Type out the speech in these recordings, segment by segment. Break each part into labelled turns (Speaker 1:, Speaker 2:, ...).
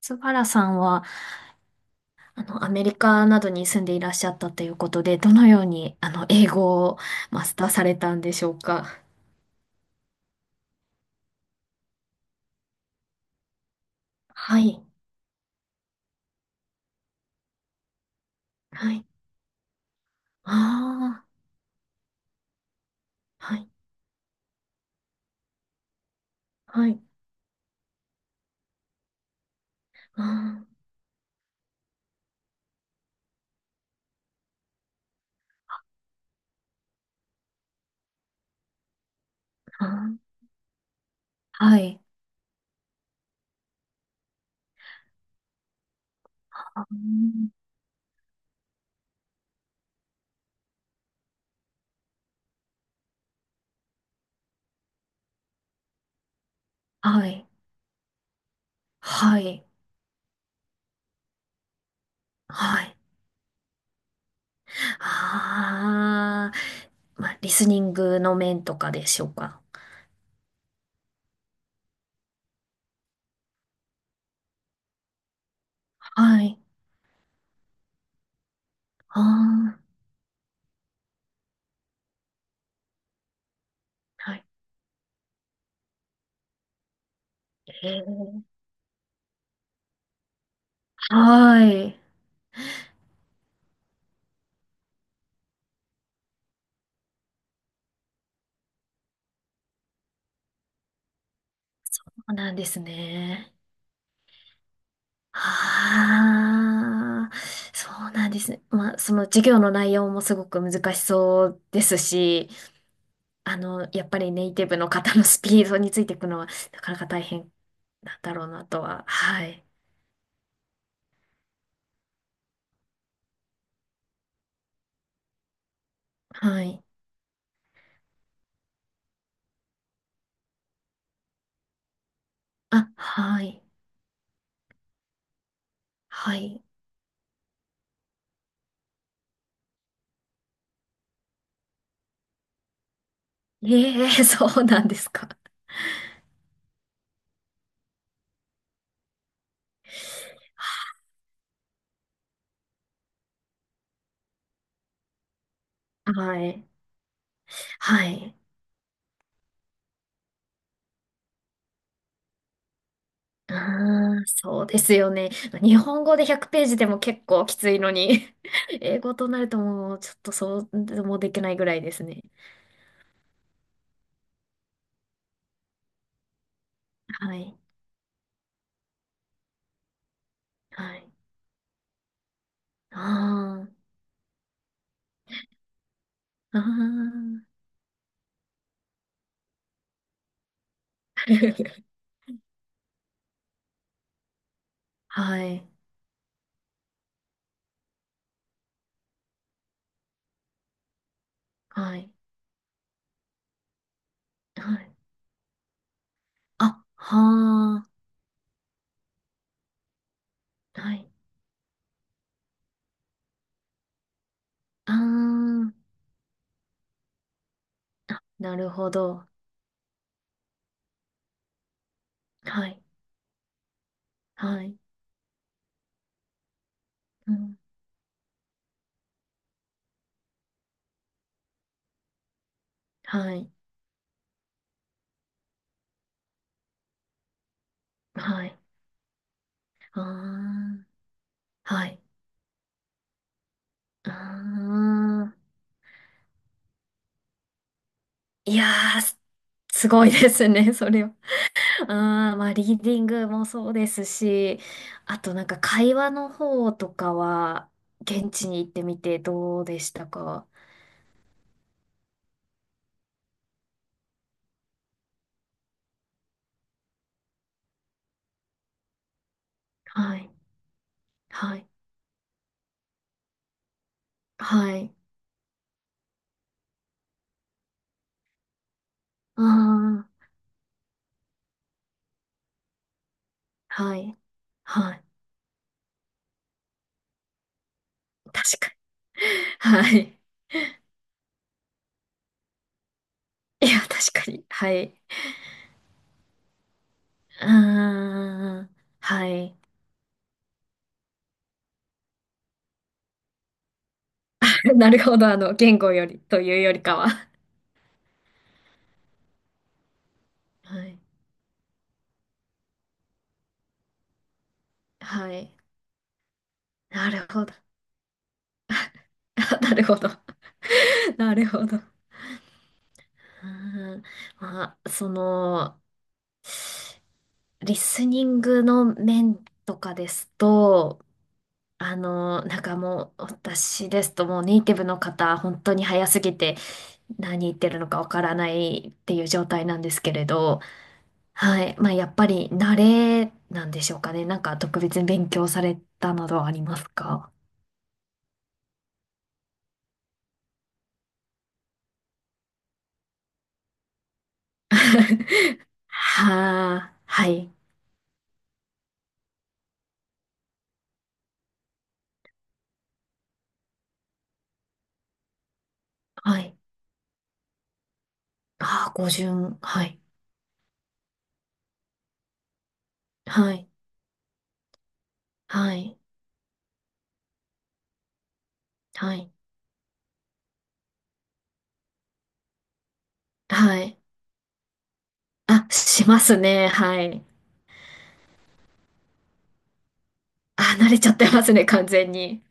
Speaker 1: 菅原さんは、アメリカなどに住んでいらっしゃったということで、どのように、英語をマスターされたんでしょうか？はい。はい。ああ、はい。はい。あーあー、はい。あー、はい。はい。はい。ああ、まあ、リスニングの面とかでしょうか？はい。ああ、はい。えー、はい。そうなんですね。ああ、そうなんですね。まあ、その授業の内容もすごく難しそうですし、やっぱりネイティブの方のスピードについていくのはなかなか大変なんだろうなとは。はい。はい。あ、はい。はい。ええ、そうなんですか。はい。はい。うーん、そうですよね。日本語で100ページでも結構きついのに、英語となるともうちょっとそうでもできないぐらいですね。はい。はい。ああ、ああ、はい、はい、はい。あ、はあ、はい、ああ、なるほど。はい、はい、うん、はい、はい、ああ、はい、ああ。いやー、すごいですね、それは。ああ、まあ、リーディングもそうですし、あとなんか会話の方とかは、現地に行ってみてどうでしたか？はい、はい。はい。ああ、はい。はい。確かに。はい。いや、確かに。はい。ああ、はい。なるほど。言語より、というよりかは。はい。はい。なるほど。あ、なるほど。なるほど。うーん。まあ、その、リスニングの面とかですと、なんかもう、私ですともうネイティブの方、本当に早すぎて、何言ってるのかわからないっていう状態なんですけれど、はい。まあ、やっぱり慣れなんでしょうかね。なんか特別に勉強されたなどはありますか？ はあ、はい、はい。ああ、語順、はい、はい、はい、はい、はい。あ、しますね、はい。あ、慣れちゃってますね、完全に。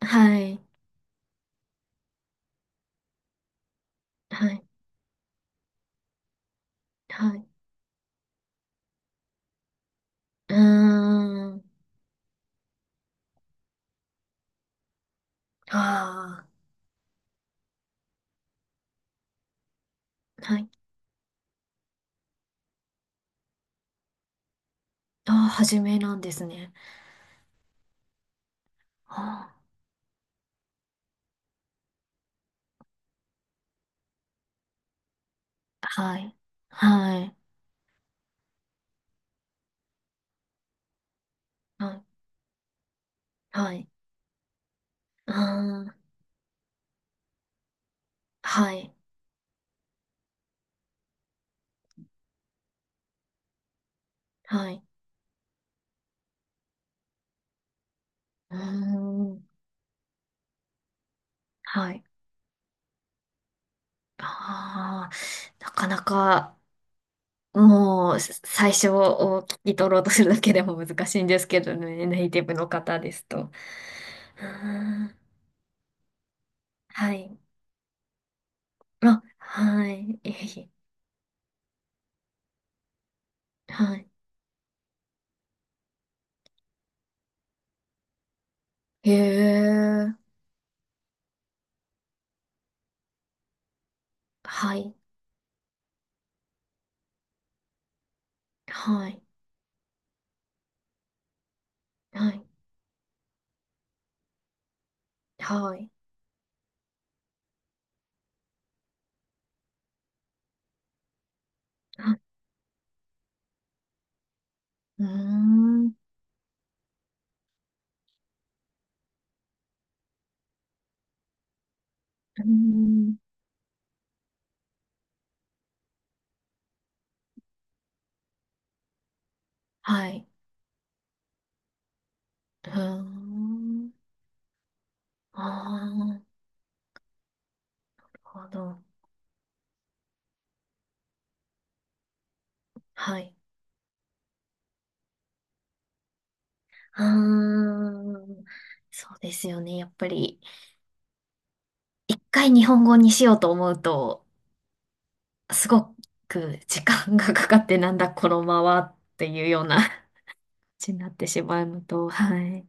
Speaker 1: はい、はい、はい。うーん。ああ、はい。ああ、初めなんですね。ああ、はい。はい。はい。はい。あー、はい。はい。うーん。はい。ああ、なかなか、もう、最初を聞き取ろうとするだけでも難しいんですけどね、ネイティブの方ですと。うーん。はい。あ、はい。いえいえ、はい。へえ。はい。はい。はい。はい。あ、うーん。うーん。はい。うーん。ああ、なるほど。はい。ああ、そうですよね。やっぱり、一回日本語にしようと思うと、すごく時間がかかって、なんだこのままっていうような感じになってしまうのと、はい。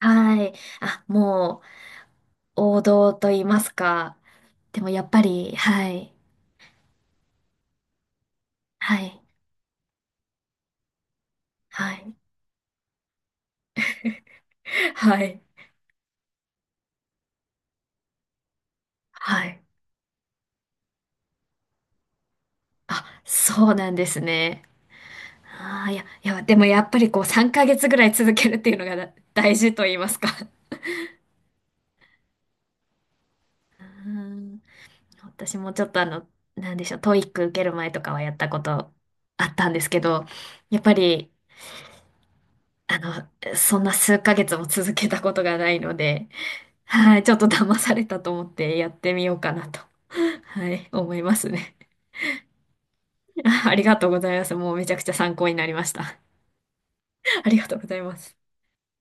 Speaker 1: はい。あ、もう、王道と言いますか。でもやっぱり、はい。はい。はい。はい。はい。あ、そうなんですね。ああ、いや、いや、でもやっぱりこう3ヶ月ぐらい続けるっていうのが大事と言いますか。うーん。私もちょっとなんでしょう、トイック受ける前とかはやったことあったんですけど、やっぱり、そんな数ヶ月も続けたことがないので、はい、ちょっと騙されたと思ってやってみようかなと、はい、思いますね。ありがとうございます。もうめちゃくちゃ参考になりました。ありがとうございます。